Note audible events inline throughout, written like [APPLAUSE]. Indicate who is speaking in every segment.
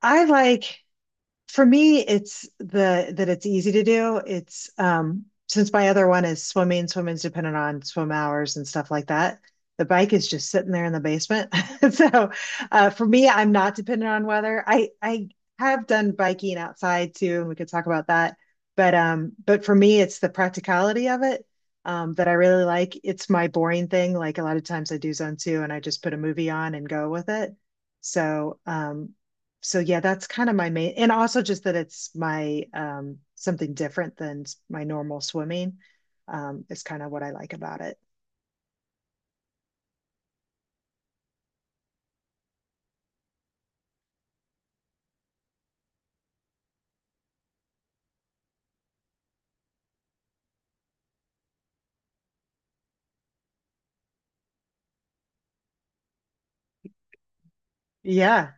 Speaker 1: I like for me it's the that it's easy to do. It's since my other one is swimming, swimming's dependent on swim hours and stuff like that. The bike is just sitting there in the basement. [LAUGHS] So for me I'm not dependent on weather. I have done biking outside too and we could talk about that. But for me it's the practicality of it that I really like. It's my boring thing. Like a lot of times I do zone two and I just put a movie on and go with it. So, um, so yeah, that's kind of my main, and also just that it's my something different than my normal swimming is kind of what I like about it. Yeah.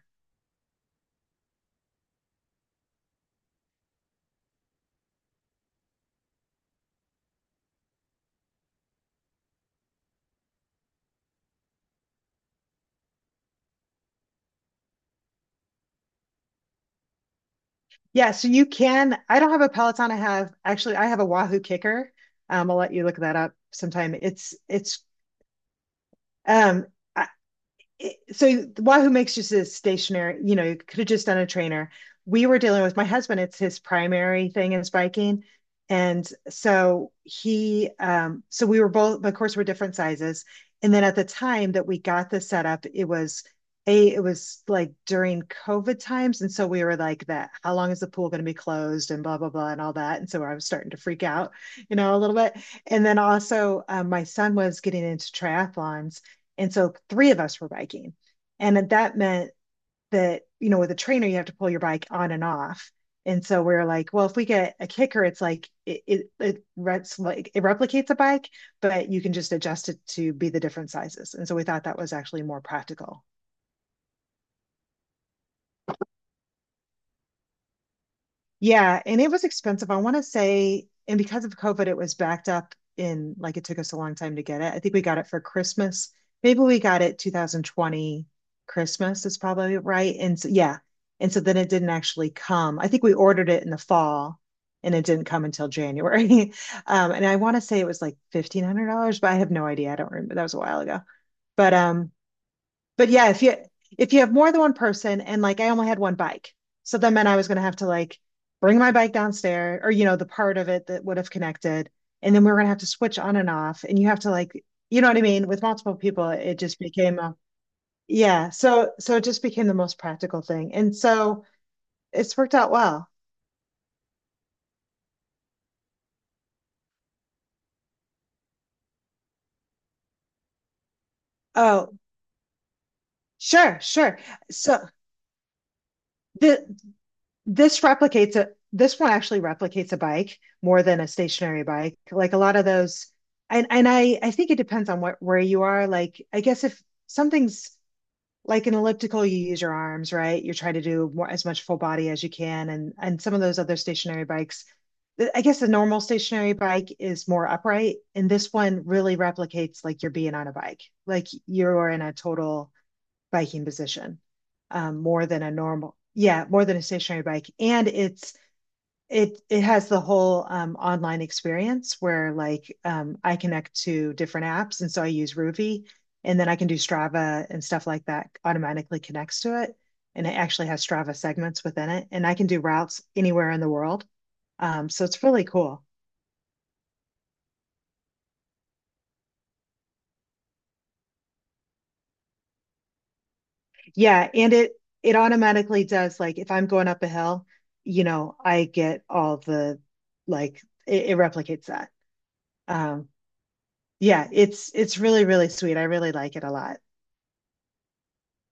Speaker 1: Yeah, so you can, I don't have a Peloton. I have a Wahoo Kicker. I'll let you look that up sometime. Um I, so Wahoo makes just a stationary, you know, you could have just done a trainer. We were dealing with my husband, it's his primary thing is biking. And so we were both, but of course, we're different sizes. And then at the time that we got the setup, it was it was like during COVID times. And so we were like that, how long is the pool going to be closed and blah, blah, blah, and all that. And so I was starting to freak out, you know, a little bit. And then also, my son was getting into triathlons. And so three of us were biking. And that meant that, you know, with a trainer, you have to pull your bike on and off. And so we are like, well, if we get a kicker, it's like it rets like it replicates a bike, but you can just adjust it to be the different sizes. And so we thought that was actually more practical. Yeah, and it was expensive. I want to say, and because of COVID, it was backed up in, like, it took us a long time to get it. I think we got it for Christmas. Maybe we got it 2020 Christmas is probably right. And so, yeah. And so then it didn't actually come. I think we ordered it in the fall and it didn't come until January. [LAUGHS] And I want to say it was like $1,500, but I have no idea. I don't remember. That was a while ago. But um, but yeah, if you, if you have more than one person and like I only had one bike, so that meant I was gonna have to like bring my bike downstairs or you know, the part of it that would have connected, and then we were gonna have to switch on and off, and you have to like, you know what I mean? With multiple people, it just became a, yeah, so so it just became the most practical thing. And so it's worked out well. Oh, sure, sure. So the this replicates a this one actually replicates a bike more than a stationary bike. Like a lot of those, and I think it depends on what, where you are. Like I guess if something's like an elliptical, you use your arms, right? You're trying to do more, as much full body as you can, and some of those other stationary bikes. I guess a normal stationary bike is more upright, and this one really replicates like you're being on a bike, like you're in a total biking position, more than a normal, yeah, more than a stationary bike. And it has the whole online experience where like I connect to different apps, and so I use Ruvi, and then I can do Strava and stuff like that. Automatically connects to it, and it actually has Strava segments within it, and I can do routes anywhere in the world. So it's really cool. Yeah, and it automatically does, like, if I'm going up a hill, you know, I get all the, like, it replicates that. Um yeah, it's really really sweet. I really like it a lot.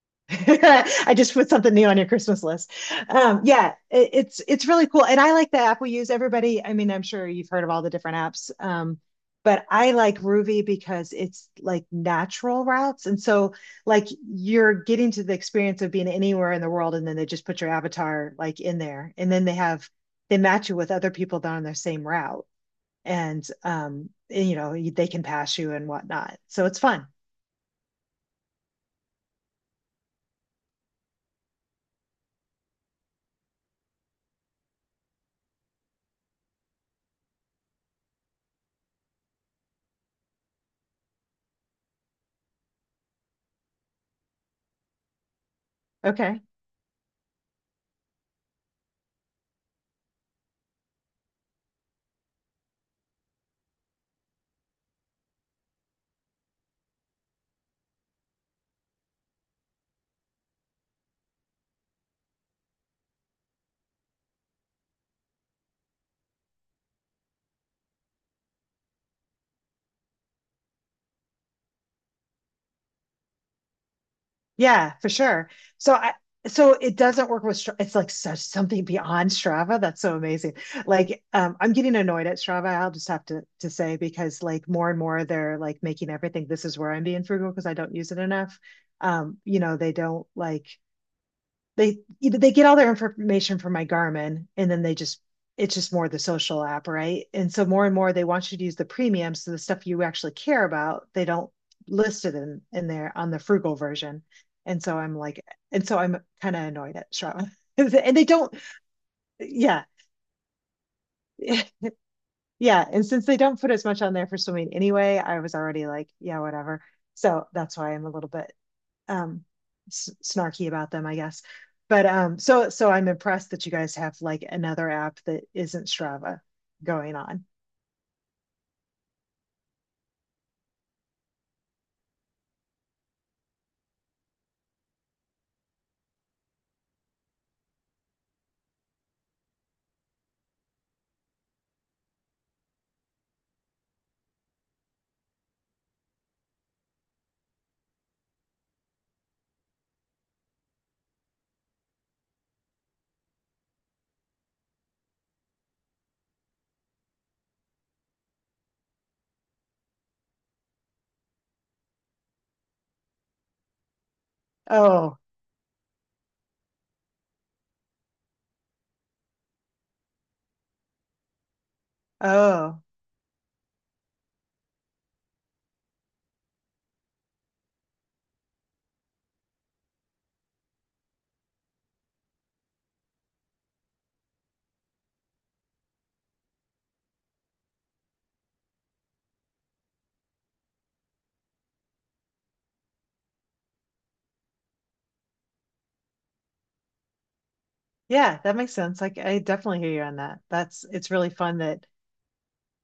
Speaker 1: [LAUGHS] I just put something new on your Christmas list. Yeah, it's really cool, and I like the app we use. Everybody, I mean, I'm sure you've heard of all the different apps, but I like Ruvi because it's like natural routes, and so like you're getting to the experience of being anywhere in the world, and then they just put your avatar like in there, and then they have, they match you with other people that are on their same route, and you know they can pass you and whatnot. So it's fun. Okay. Yeah, for sure. So I so it doesn't work with Stra-, it's like such something beyond Strava. That's so amazing. Like I'm getting annoyed at Strava, I'll just have to say because like more and more they're like making everything, this is where I'm being frugal because I don't use it enough. You know, they don't like, they get all their information from my Garmin and then they just, it's just more the social app, right? And so more and more they want you to use the premium. So the stuff you actually care about, they don't list it in there on the frugal version. And so I'm like, and so I'm kind of annoyed at Strava. [LAUGHS] And they don't, yeah. [LAUGHS] Yeah. And since they don't put as much on there for swimming anyway, I was already like, yeah, whatever. So that's why I'm a little bit um snarky about them, I guess. But I'm impressed that you guys have like another app that isn't Strava going on. Oh, oh. Yeah, that makes sense. Like I definitely hear you on that. That's, it's really fun that,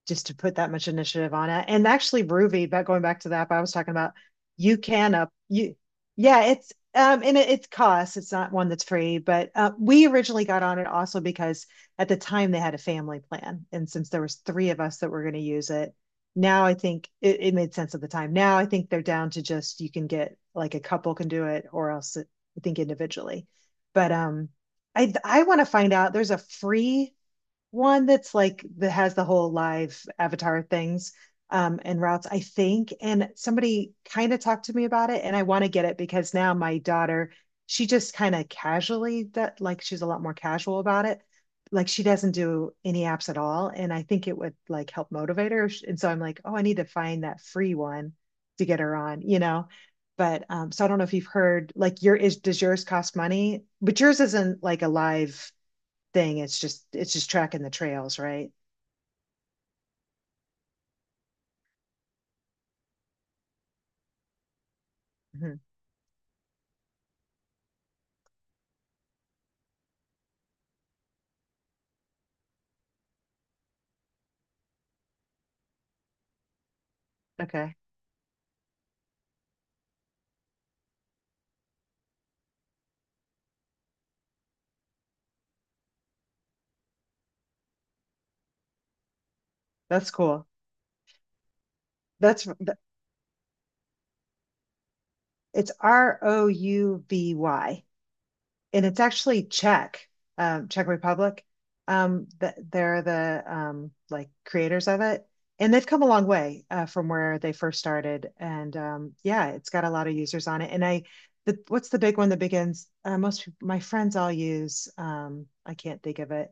Speaker 1: just to put that much initiative on it. And actually, Ruby, but going back to that, but I was talking about, you can up you, yeah, it's and it costs. It's not one that's free, but we originally got on it also because at the time they had a family plan, and since there was three of us that were going to use it, now I think it made sense at the time. Now I think they're down to just you can get like a couple can do it, or else it, I think individually. But I want to find out. There's a free one that's like that has the whole live avatar things and routes I think, and somebody kind of talked to me about it and I want to get it because now my daughter, she just kind of casually that like she's a lot more casual about it, like she doesn't do any apps at all and I think it would like help motivate her, and so I'm like, oh, I need to find that free one to get her on, you know. But so I don't know if you've heard, like, your is, does yours cost money but yours isn't like a live thing. It's just, it's just tracking the trails, right? Mhm. Okay, that's cool. That's it's Rouvy, and it's actually Czech, Czech Republic. Th they're the like creators of it, and they've come a long way from where they first started. And yeah, it's got a lot of users on it. And I, the, what's the big one that begins? My friends all use. I can't think of it.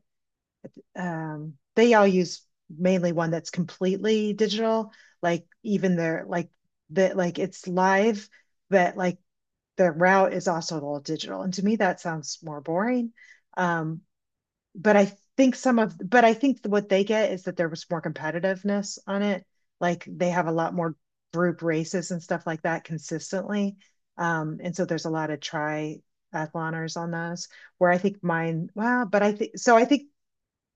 Speaker 1: They all use mainly one that's completely digital, like even their like, that like it's live, but like the route is also all digital. And to me, that sounds more boring. Um, but I think some of, but I think what they get is that there was more competitiveness on it. Like they have a lot more group races and stuff like that consistently. And so there's a lot of triathloners on those where I think mine, well, but I think, so I think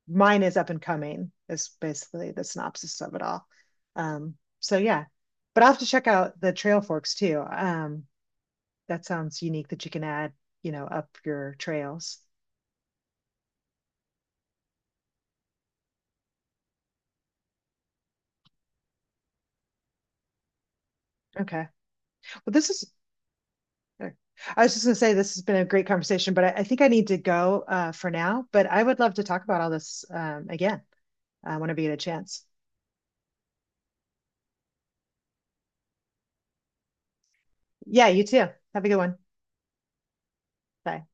Speaker 1: mine is up and coming is basically the synopsis of it all. So yeah, but I'll have to check out the trail forks too. That sounds unique that you can add, you know, up your trails. Okay. Well, this is, I was just gonna say this has been a great conversation, but I think I need to go for now. But I would love to talk about all this again whenever you get a chance. Yeah, you too. Have a good one. Bye.